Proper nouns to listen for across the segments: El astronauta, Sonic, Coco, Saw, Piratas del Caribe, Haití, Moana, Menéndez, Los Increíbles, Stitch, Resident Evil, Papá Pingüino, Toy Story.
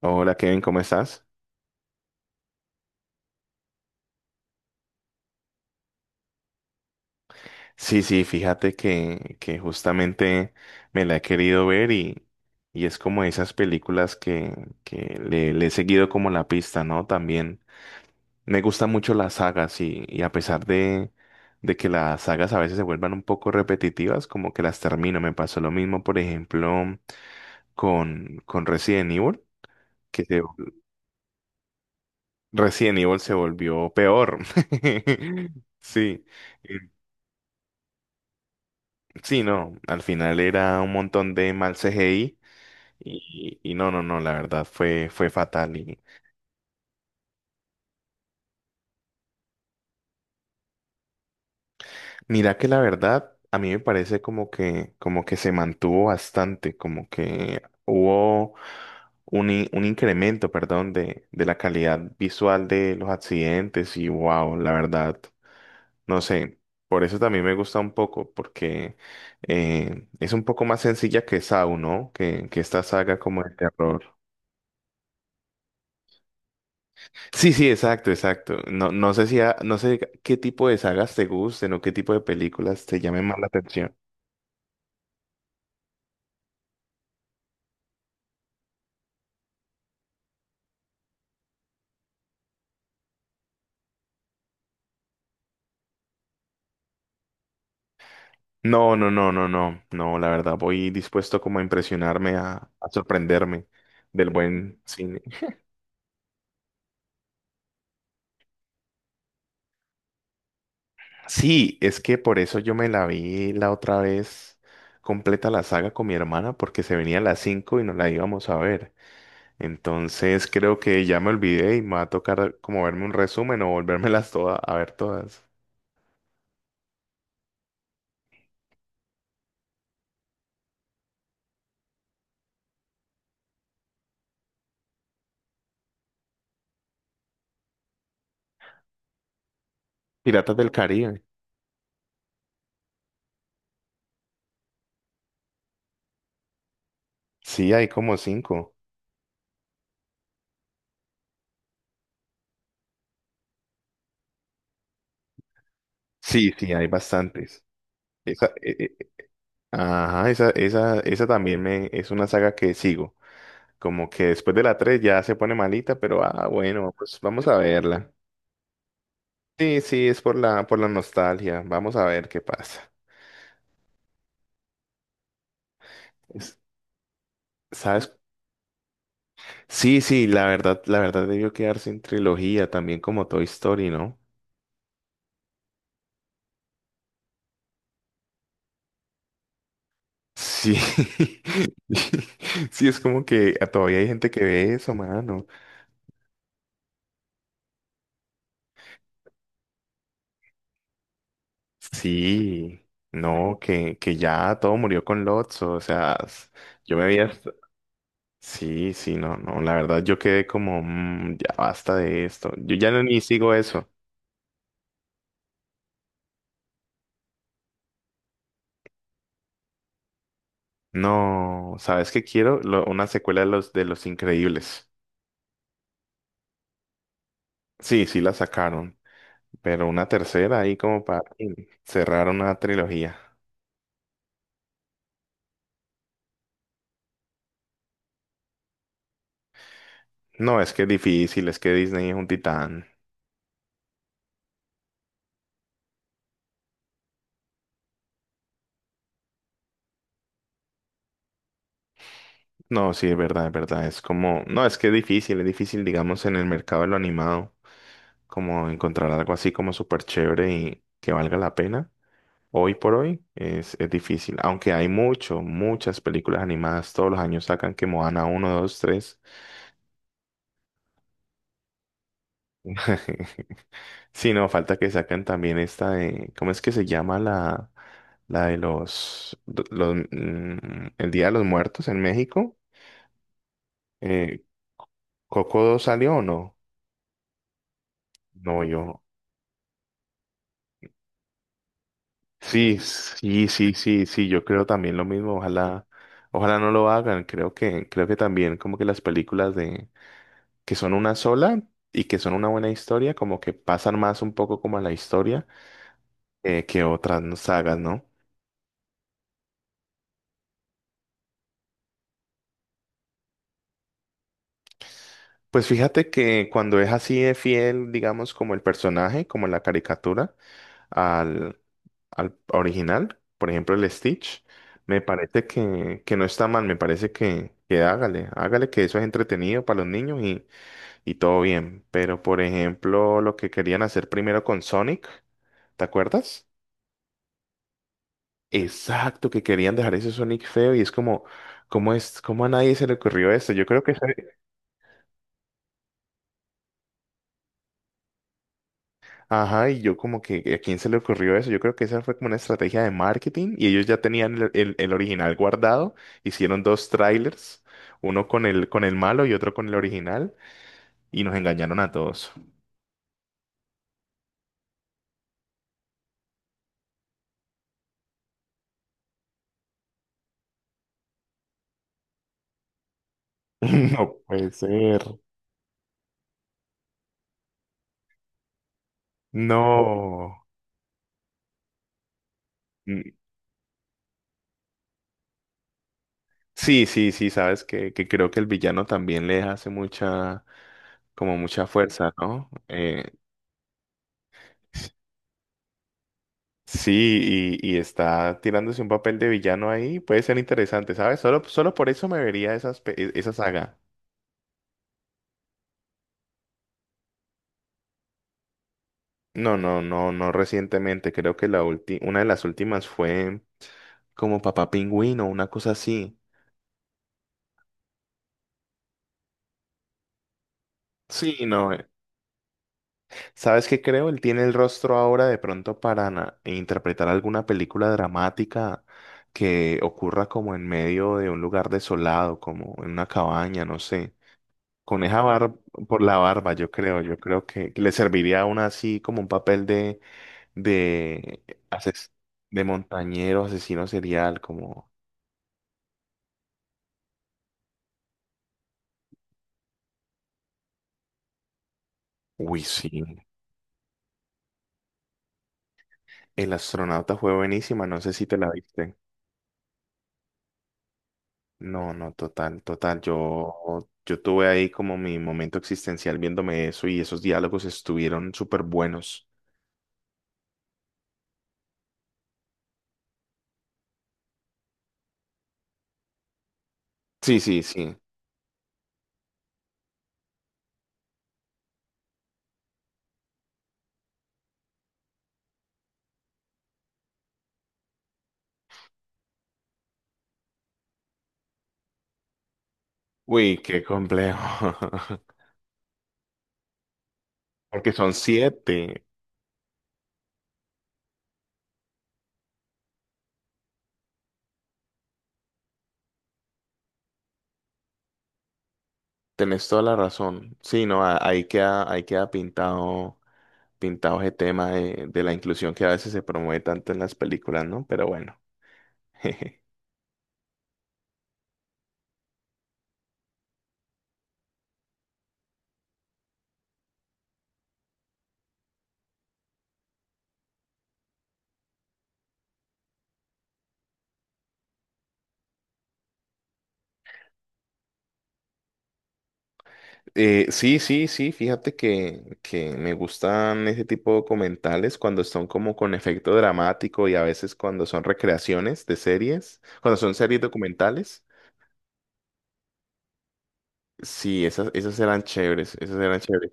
Hola Kevin, ¿cómo estás? Sí, sí, fíjate que justamente me la he querido ver y es como esas películas que le he seguido como la pista, ¿no? También me gustan mucho las sagas y a pesar de que las sagas a veces se vuelvan un poco repetitivas, como que las termino. Me pasó lo mismo, por ejemplo, con Resident Evil, que se, Resident Evil se volvió peor. Sí. Sí, no, al final era un montón de mal CGI y no, la verdad fue fatal. Y mira que la verdad a mí me parece como como que se mantuvo bastante, como que hubo un incremento, perdón, de la calidad visual de los accidentes y wow, la verdad, no sé, por eso también me gusta un poco, porque es un poco más sencilla que Saw, ¿no? Que esta saga como de terror. Sí, sí, exacto, exacto. No, no sé si ha- no sé qué tipo de sagas te gusten o qué tipo de películas te llamen más la atención. No, no, no, no, no, no, la verdad, voy dispuesto como a impresionarme, a sorprenderme del buen cine. Sí, es que por eso yo me la vi la otra vez completa la saga con mi hermana, porque se venía a las 5 y nos la íbamos a ver. Entonces creo que ya me olvidé y me va a tocar como verme un resumen o volvérmelas todas a ver todas. Piratas del Caribe. Sí, hay como cinco. Sí, sí, hay bastantes. Esa, ajá, Esa también es una saga que sigo. Como que después de la tres ya se pone malita, pero ah, bueno, pues vamos a verla. Sí, sí, es por por la nostalgia. Vamos a ver qué pasa. Es- ¿Sabes? Sí, sí, la verdad debió quedarse en trilogía también como Toy Story, ¿no? Sí. Sí, es como que todavía hay gente que ve eso, mano. Sí, no, que ya todo murió con Lotso, o sea, s- yo me había... est- sí, sí, no, no, la verdad yo quedé como, "Mm, ya basta de esto, yo ya no ni sigo eso". No, ¿sabes qué quiero? Una secuela de de Los Increíbles. Sí, sí la sacaron, pero una tercera ahí como para cerrar una trilogía. No, es que es difícil, es que Disney es un titán. No, sí, es verdad, es verdad, es como, no, es que es difícil, digamos, en el mercado de lo animado, como encontrar algo así como súper chévere y que valga la pena. Hoy por hoy es difícil, aunque hay mucho, muchas películas animadas, todos los años sacan que Moana uno 2 tres. Sí, no, falta que sacan también esta de, ¿cómo es que se llama la de los, el Día de los Muertos en México? Eh, ¿Coco 2 salió o no? No, sí, sí, sí, sí, sí, yo creo también lo mismo, ojalá, ojalá no lo hagan, creo que también como que las películas que son una sola y que son una buena historia, como que pasan más un poco como a la historia, que otras no- sagas, ¿no? Pues fíjate que cuando es así de fiel, digamos, como el personaje, como la caricatura, al, al original, por ejemplo, el Stitch, me parece que no está mal, me parece que hágale, hágale, que eso es entretenido para los niños y todo bien. Pero, por ejemplo, lo que querían hacer primero con Sonic, ¿te acuerdas? Exacto, que querían dejar ese Sonic feo y es como, ¿cómo es, cómo a nadie se le ocurrió eso? Yo creo que, esa- Ajá, y yo como que, ¿a quién se le ocurrió eso? Yo creo que esa fue como una estrategia de marketing y ellos ya tenían el original guardado, hicieron dos trailers, uno con con el malo y otro con el original y nos engañaron a todos. No puede ser. No. Sí, sí, sí, sabes que creo que el villano también le hace mucha, como mucha fuerza, ¿no? Sí, y está tirándose un papel de villano ahí, puede ser interesante, ¿sabes? Solo, solo por eso me vería esa saga. No, no, no, no recientemente, creo que una de las últimas fue como Papá Pingüino, una cosa así. Sí, no. ¿Sabes qué creo? Él tiene el rostro ahora de pronto para interpretar alguna película dramática que ocurra como en medio de un lugar desolado, como en una cabaña, no sé. Con esa barba, por la barba, yo creo que le serviría a una así como un papel de, ases- de montañero, asesino serial, como, uy, sí. El astronauta fue buenísima, no sé si te la viste. No, no, total, total. Yo tuve ahí como mi momento existencial viéndome eso y esos diálogos estuvieron súper buenos. Sí, sí, sí. Uy, qué complejo. Porque son siete. Tenés toda la razón. Sí, no, ahí queda pintado, pintado ese tema de la inclusión que a veces se promueve tanto en las películas, ¿no? Pero bueno. Sí, sí, sí, fíjate que me gustan ese tipo de documentales cuando son como con efecto dramático y a veces cuando son recreaciones de series, cuando son series documentales. Sí, esas, esas eran chéveres, esas eran chéveres.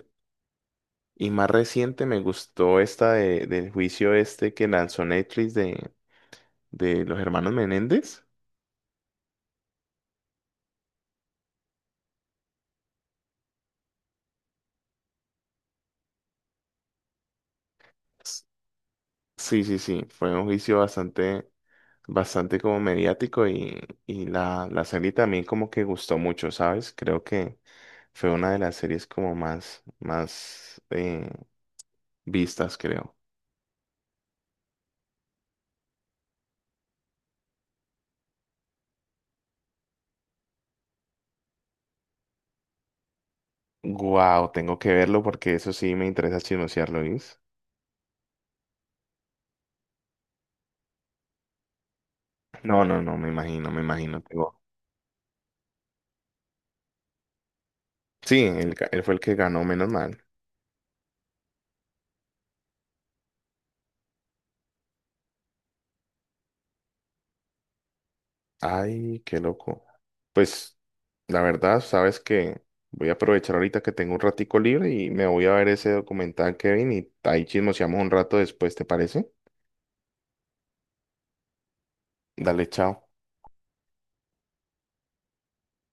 Y más reciente me gustó esta del juicio este que lanzó Netflix de los hermanos Menéndez. S- Sí, sí, sí, fue un juicio bastante, bastante como mediático y la serie también como que gustó mucho, ¿sabes? Creo que fue una de las series como más, más vistas, creo. Wow, tengo que verlo porque eso sí me interesa chismosearlo, ¿viste? No, no, no, me imagino, me imagino. Tengo... Sí, él, él fue el que ganó, menos mal. Ay, qué loco. Pues, la verdad, sabes que voy a aprovechar ahorita que tengo un ratico libre y me voy a ver ese documental, Kevin, y ahí chismoseamos un rato después, ¿te parece? Dale, chao.